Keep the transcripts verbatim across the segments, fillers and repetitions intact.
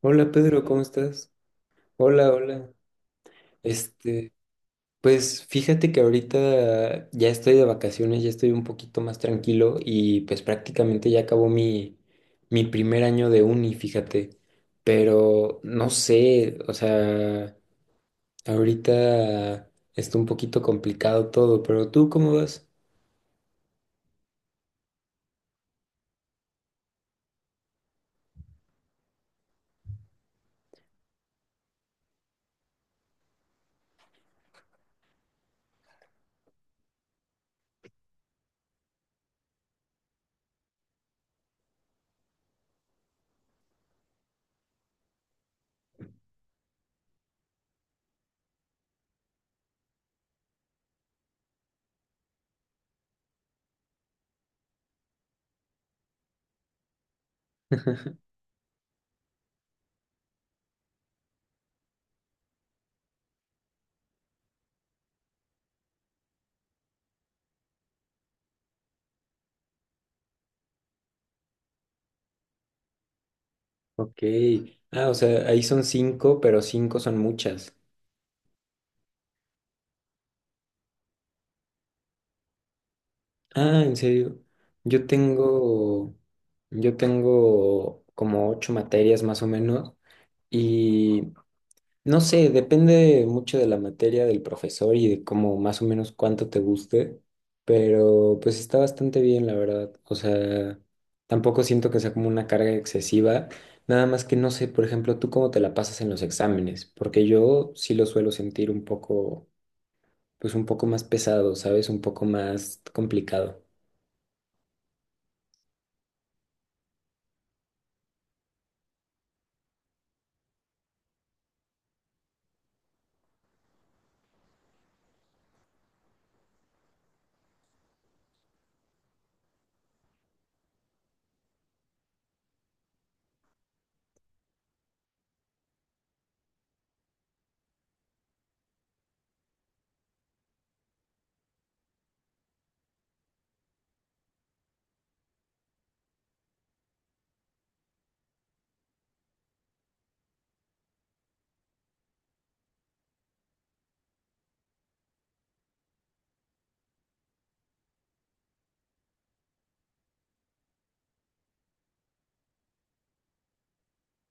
Hola Pedro, ¿cómo estás? Hola, hola. Este, pues fíjate que ahorita ya estoy de vacaciones, ya estoy un poquito más tranquilo y pues prácticamente ya acabó mi, mi primer año de uni, fíjate. Pero no sé, o sea, ahorita está un poquito complicado todo, pero ¿tú cómo vas? Ok. Ah, o sea, ahí son cinco, pero cinco son muchas. Ah, ¿en serio? Yo tengo, yo tengo como ocho materias más o menos y no sé, depende mucho de la materia, del profesor y de cómo más o menos cuánto te guste, pero pues está bastante bien, la verdad. O sea, tampoco siento que sea como una carga excesiva, nada más que no sé, por ejemplo, tú cómo te la pasas en los exámenes, porque yo sí lo suelo sentir un poco, pues un poco más pesado, ¿sabes? Un poco más complicado.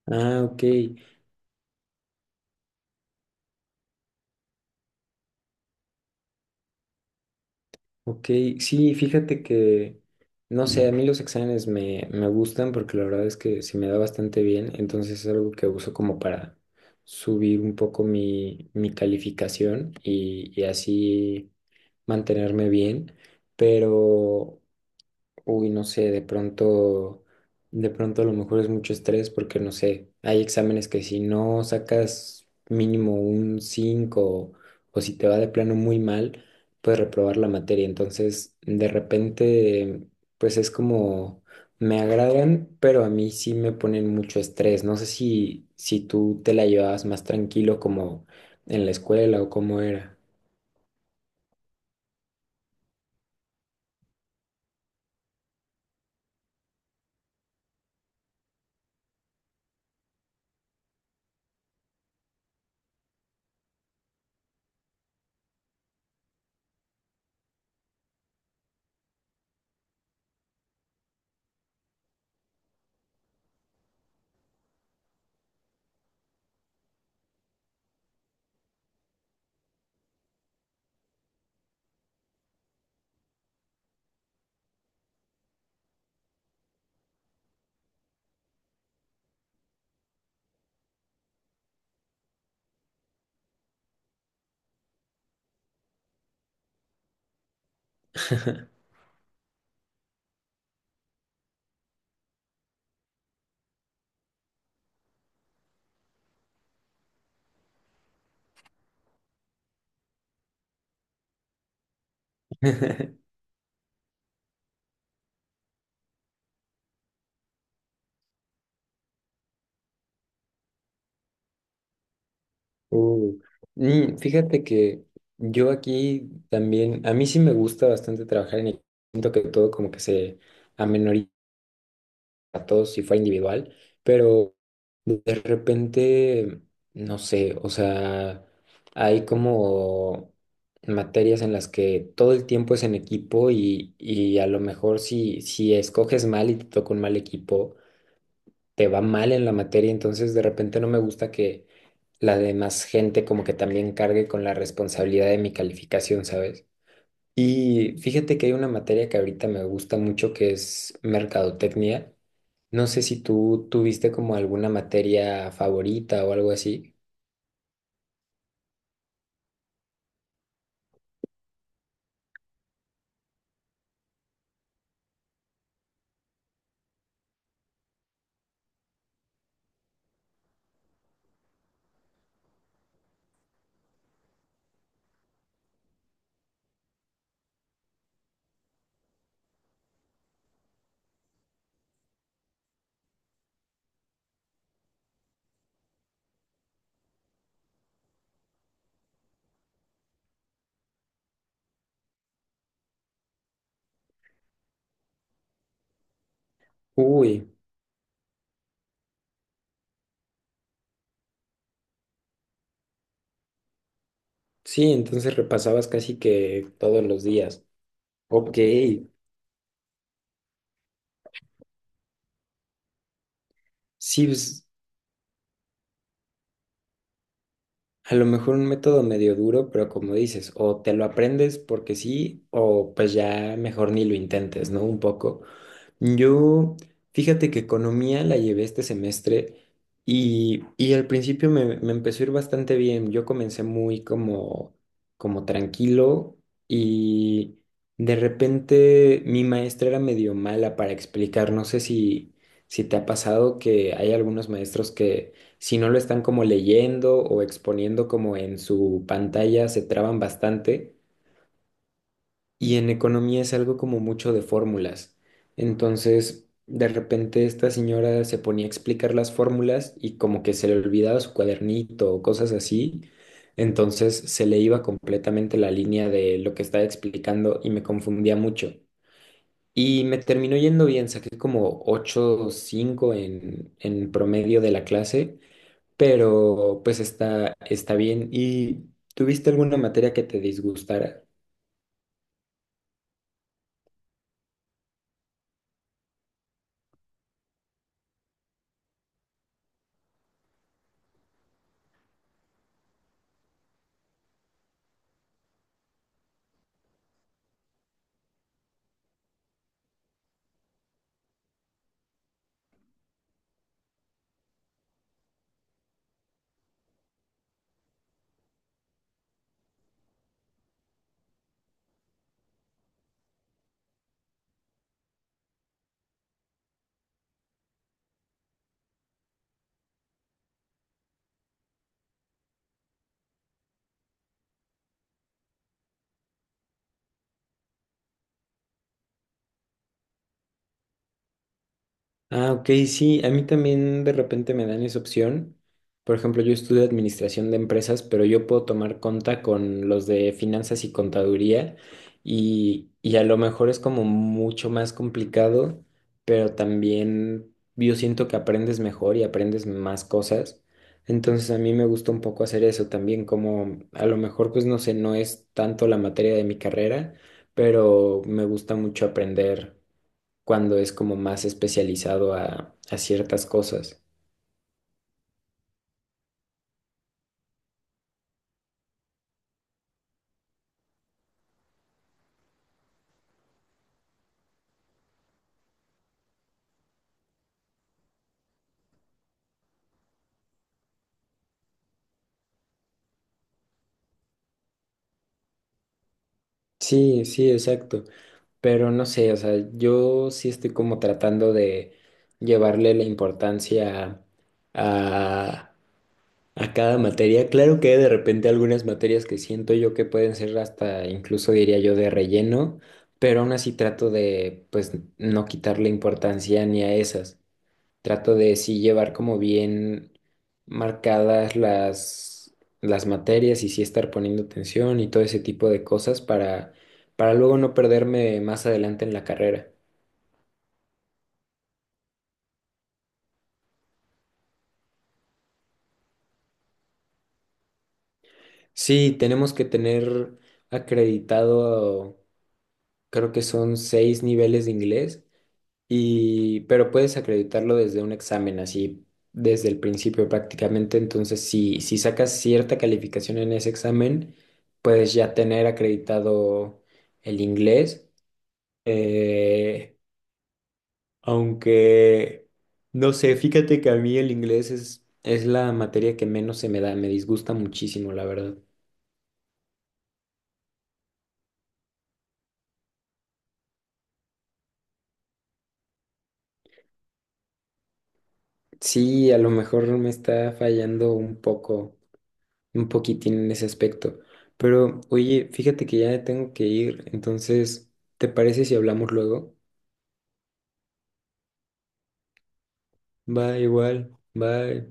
Ah, ok, ok. Sí, fíjate que, no sé, a mí los exámenes me, me gustan porque la verdad es que se me da bastante bien, entonces es algo que uso como para subir un poco mi, mi calificación y, y así mantenerme bien, pero uy, no sé, de pronto, de pronto a lo mejor es mucho estrés porque no sé, hay exámenes que si no sacas mínimo un cinco o si te va de plano muy mal, puedes reprobar la materia. Entonces, de repente, pues es como, me agradan, pero a mí sí me ponen mucho estrés. No sé si, si tú te la llevabas más tranquilo como en la escuela o cómo era. Uh, mm, Fíjate que yo aquí también, a mí sí me gusta bastante trabajar en equipo, siento que todo como que se amenoriza a todos si fuera individual, pero de repente, no sé, o sea, hay como materias en las que todo el tiempo es en equipo y, y a lo mejor si, si escoges mal y te toca un mal equipo te va mal en la materia, entonces de repente no me gusta que la demás gente como que también cargue con la responsabilidad de mi calificación, ¿sabes? Y fíjate que hay una materia que ahorita me gusta mucho que es mercadotecnia. No sé si tú tuviste como alguna materia favorita o algo así. Uy, sí, entonces repasabas casi que todos los días. Ok, sí, pues, a lo mejor un método medio duro, pero como dices, o te lo aprendes porque sí, o pues ya mejor ni lo intentes, ¿no? Un poco. Yo, fíjate que economía la llevé este semestre y, y al principio me, me empezó a ir bastante bien. Yo comencé muy como, como tranquilo y de repente mi maestra era medio mala para explicar. No sé si, si te ha pasado que hay algunos maestros que si no lo están como leyendo o exponiendo como en su pantalla se traban bastante. Y en economía es algo como mucho de fórmulas. Entonces, de repente esta señora se ponía a explicar las fórmulas y como que se le olvidaba su cuadernito o cosas así. Entonces se le iba completamente la línea de lo que estaba explicando y me confundía mucho. Y me terminó yendo bien, saqué como ocho o cinco en, en promedio de la clase, pero pues está, está bien. ¿Y tuviste alguna materia que te disgustara? Ah, ok, sí, a mí también de repente me dan esa opción. Por ejemplo, yo estudio administración de empresas, pero yo puedo tomar conta con los de finanzas y contaduría y, y a lo mejor es como mucho más complicado, pero también yo siento que aprendes mejor y aprendes más cosas. Entonces a mí me gusta un poco hacer eso también, como a lo mejor pues no sé, no es tanto la materia de mi carrera, pero me gusta mucho aprender cuando es como más especializado a, a ciertas cosas. Sí, sí, exacto. Pero no sé, o sea, yo sí estoy como tratando de llevarle la importancia a, a cada materia. Claro que de repente algunas materias que siento yo que pueden ser hasta, incluso diría yo, de relleno, pero aún así trato de, pues, no quitarle importancia ni a esas. Trato de sí llevar como bien marcadas las, las materias y sí estar poniendo atención y todo ese tipo de cosas para, para luego no perderme más adelante en la carrera. Sí, tenemos que tener acreditado, creo que son seis niveles de inglés, y pero puedes acreditarlo desde un examen, así, desde el principio prácticamente. Entonces, si, si sacas cierta calificación en ese examen, puedes ya tener acreditado el inglés. Eh, Aunque, no sé, fíjate que a mí el inglés es, es la materia que menos se me da, me disgusta muchísimo, la verdad. Sí, a lo mejor me está fallando un poco un poquitín en ese aspecto. Pero oye, fíjate que ya tengo que ir, entonces, ¿te parece si hablamos luego? Va igual, bye.